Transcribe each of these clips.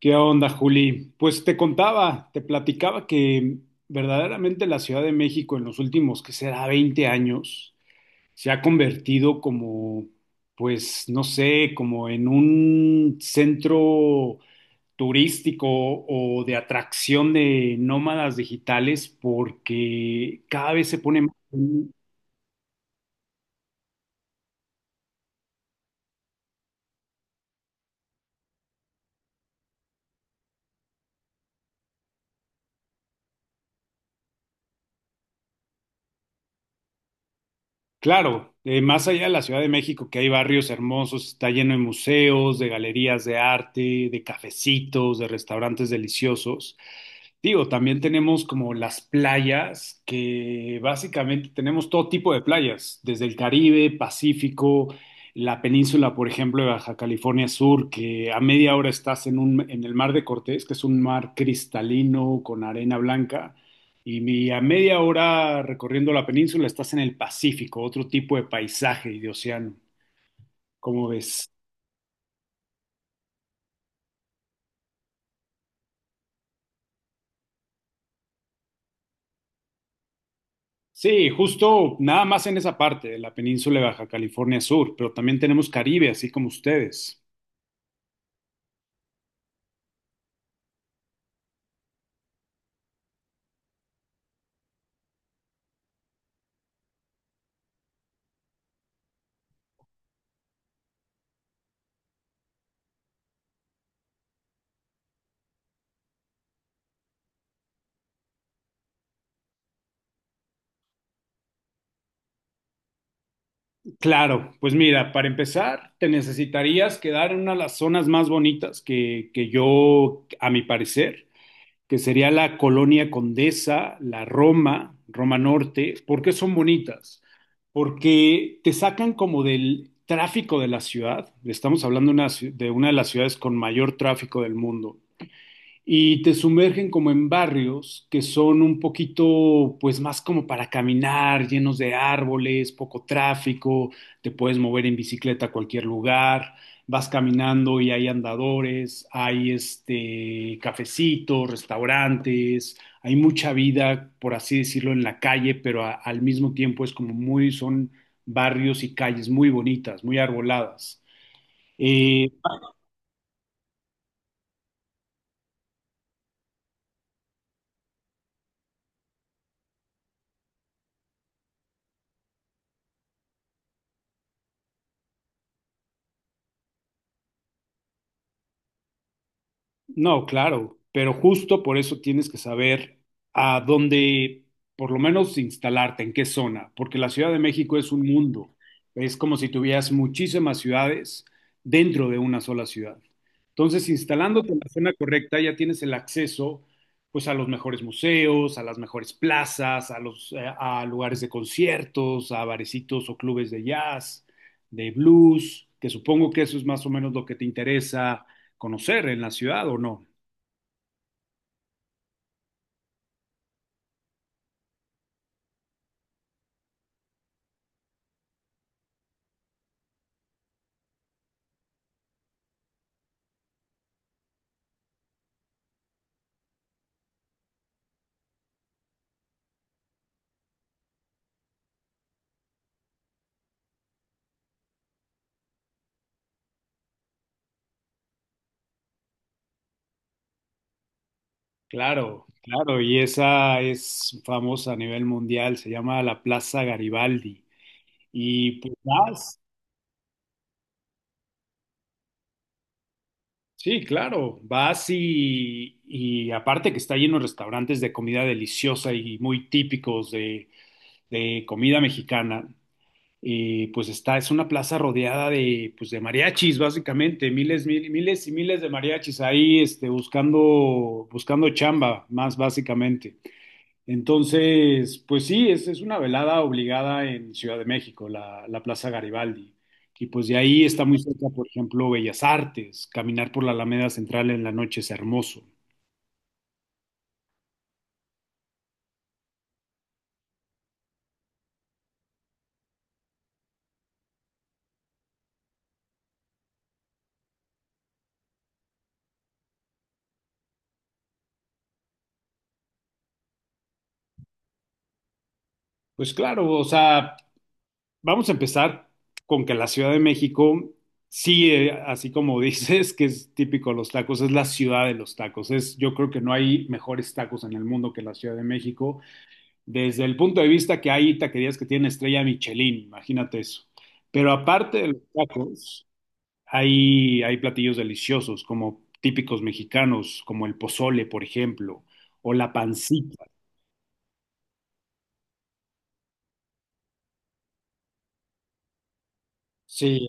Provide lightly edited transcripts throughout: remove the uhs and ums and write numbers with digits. ¿Qué onda, Juli? Pues te platicaba que verdaderamente la Ciudad de México en los últimos, que será 20 años, se ha convertido como, pues, no sé, como en un centro turístico o de atracción de nómadas digitales porque cada vez se pone más. Claro, más allá de la Ciudad de México, que hay barrios hermosos, está lleno de museos, de galerías de arte, de cafecitos, de restaurantes deliciosos. Digo, también tenemos como las playas, que básicamente tenemos todo tipo de playas, desde el Caribe, Pacífico, la península, por ejemplo, de Baja California Sur, que a media hora estás en el Mar de Cortés, que es un mar cristalino con arena blanca. A media hora recorriendo la península estás en el Pacífico, otro tipo de paisaje y de océano. ¿Cómo ves? Sí, justo nada más en esa parte de la península de Baja California Sur, pero también tenemos Caribe, así como ustedes. Claro, pues mira, para empezar, te necesitarías quedar en una de las zonas más bonitas que yo, a mi parecer, que sería la colonia Condesa, la Roma, Roma Norte. ¿Por qué son bonitas? Porque te sacan como del tráfico de la ciudad. Estamos hablando de una de las ciudades con mayor tráfico del mundo y te sumergen como en barrios que son un poquito, pues más como para caminar, llenos de árboles, poco tráfico, te puedes mover en bicicleta a cualquier lugar, vas caminando y hay andadores, hay este cafecitos, restaurantes, hay mucha vida, por así decirlo, en la calle, pero al mismo tiempo es como son barrios y calles muy bonitas, muy arboladas. Eh, No, claro, pero justo por eso tienes que saber a dónde, por lo menos, instalarte, en qué zona, porque la Ciudad de México es un mundo. Es como si tuvieras muchísimas ciudades dentro de una sola ciudad. Entonces, instalándote en la zona correcta, ya tienes el acceso, pues, a los mejores museos, a las mejores plazas, a lugares de conciertos, a barecitos o clubes de jazz, de blues, que supongo que eso es más o menos lo que te interesa conocer en la ciudad o no. Claro, claro, y esa es famosa a nivel mundial, se llama la Plaza Garibaldi. Y pues vas, sí, claro, vas y aparte que está lleno de restaurantes de comida deliciosa y muy típicos de comida mexicana, y pues está, es una plaza rodeada pues de mariachis, básicamente, miles y miles de mariachis ahí, este, buscando chamba, más básicamente. Entonces, pues sí, es una velada obligada en Ciudad de México, la Plaza Garibaldi. Y pues de ahí está muy cerca, por ejemplo, Bellas Artes. Caminar por la Alameda Central en la noche es hermoso. Pues claro, o sea, vamos a empezar con que la Ciudad de México, sí, así como dices, que es típico de los tacos, es la ciudad de los tacos. Es, yo creo que no hay mejores tacos en el mundo que la Ciudad de México, desde el punto de vista que hay taquerías que tienen estrella Michelin, imagínate eso. Pero aparte de los tacos, hay platillos deliciosos, como típicos mexicanos, como el pozole, por ejemplo, o la pancita. Sí,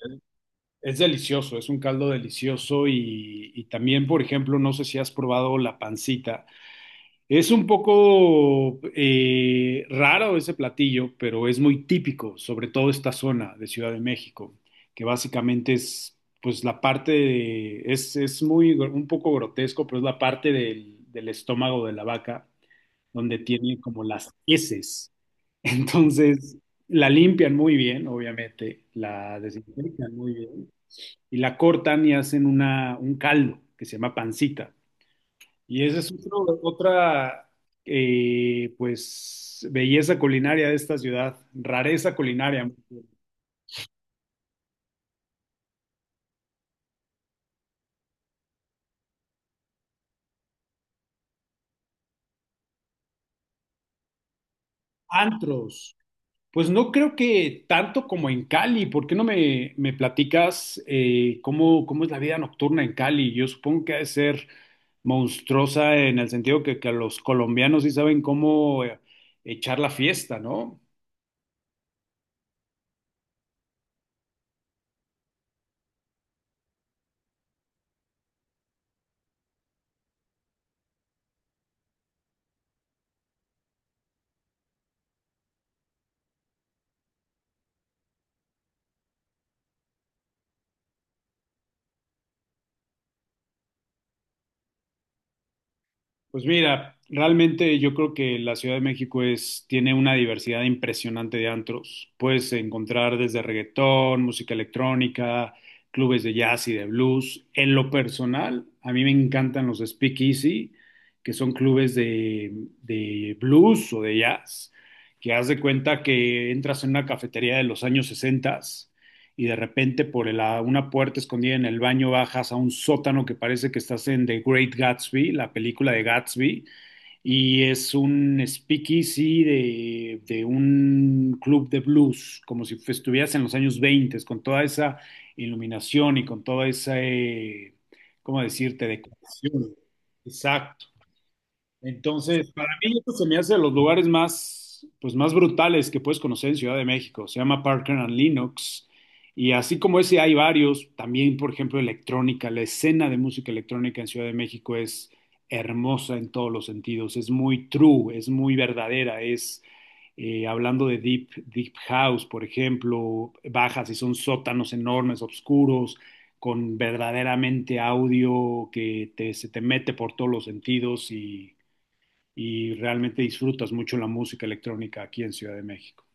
es delicioso, es un caldo delicioso y también, por ejemplo, no sé si has probado la pancita. Es un poco raro ese platillo, pero es muy típico, sobre todo esta zona de Ciudad de México, que básicamente es, pues es un poco grotesco, pero es la parte del estómago de la vaca, donde tiene como las heces. Entonces, la limpian muy bien, obviamente, la desinfectan muy bien, y la cortan y hacen un caldo que se llama pancita. Y esa es otra, pues, belleza culinaria de esta ciudad, rareza culinaria, ¿no? Antros. Pues no creo que tanto como en Cali. ¿Por qué no me platicas cómo es la vida nocturna en Cali? Yo supongo que ha de ser monstruosa en el sentido que los colombianos sí saben cómo echar la fiesta, ¿no? Pues mira, realmente yo creo que la Ciudad de México tiene una diversidad impresionante de antros. Puedes encontrar desde reggaetón, música electrónica, clubes de jazz y de blues. En lo personal, a mí me encantan los speakeasy, que son clubes de blues o de jazz, que haz de cuenta que entras en una cafetería de los años 60 y de repente por una puerta escondida en el baño bajas a un sótano que parece que estás en The Great Gatsby, la película de Gatsby, y es un speakeasy de un club de blues, como si estuvieras en los años 20, con toda esa iluminación y con toda esa, ¿cómo decirte?, decoración. Exacto. Entonces, para mí esto se me hace de los lugares más, pues, más brutales que puedes conocer en Ciudad de México. Se llama Parker and Linux. Y así como ese hay varios, también, por ejemplo, electrónica. La escena de música electrónica en Ciudad de México es hermosa en todos los sentidos. Es muy true, es muy verdadera. Es, hablando de deep house, por ejemplo, bajas y son sótanos enormes, oscuros, con verdaderamente audio se te mete por todos los sentidos y realmente disfrutas mucho la música electrónica aquí en Ciudad de México.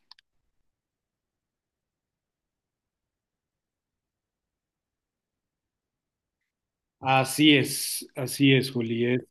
Así es, Juli.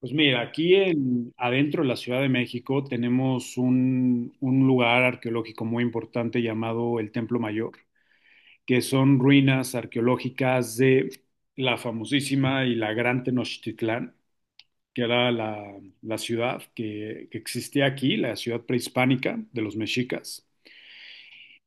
Pues mira, aquí en, adentro de la Ciudad de México tenemos un lugar arqueológico muy importante llamado el Templo Mayor, que son ruinas arqueológicas de la famosísima y la gran Tenochtitlán, que era la ciudad que existía aquí, la ciudad prehispánica de los mexicas.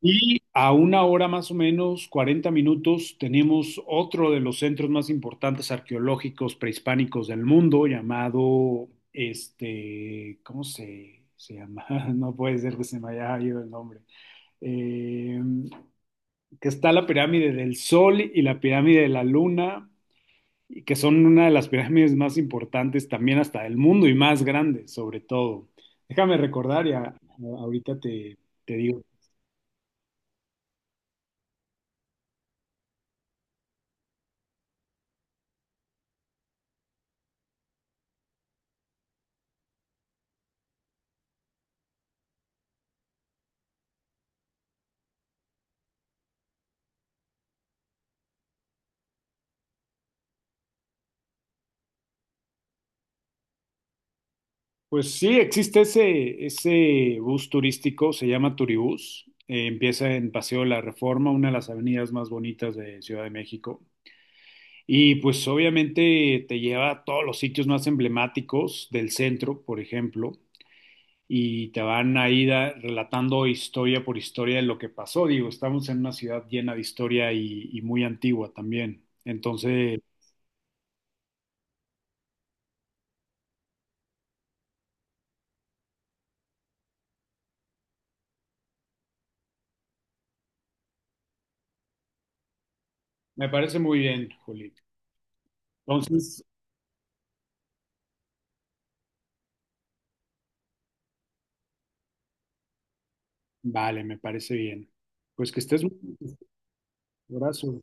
Y a una hora más o menos, 40 minutos, tenemos otro de los centros más importantes arqueológicos prehispánicos del mundo, llamado, este, ¿cómo se llama? No puede ser que se me haya ido el nombre. Eh, que está la pirámide del Sol y la pirámide de la Luna, y que son una de las pirámides más importantes también hasta del mundo y más grandes, sobre todo. Déjame recordar ahorita te digo. Pues sí, existe ese bus turístico, se llama Turibús. Empieza en Paseo de la Reforma, una de las avenidas más bonitas de Ciudad de México. Y pues obviamente te lleva a todos los sitios más emblemáticos del centro, por ejemplo, y te van ahí relatando historia por historia de lo que pasó. Digo, estamos en una ciudad llena de historia y muy antigua también. Entonces, me parece muy bien, Juli. Entonces, vale, me parece bien. Pues que estés muy bien. Abrazo.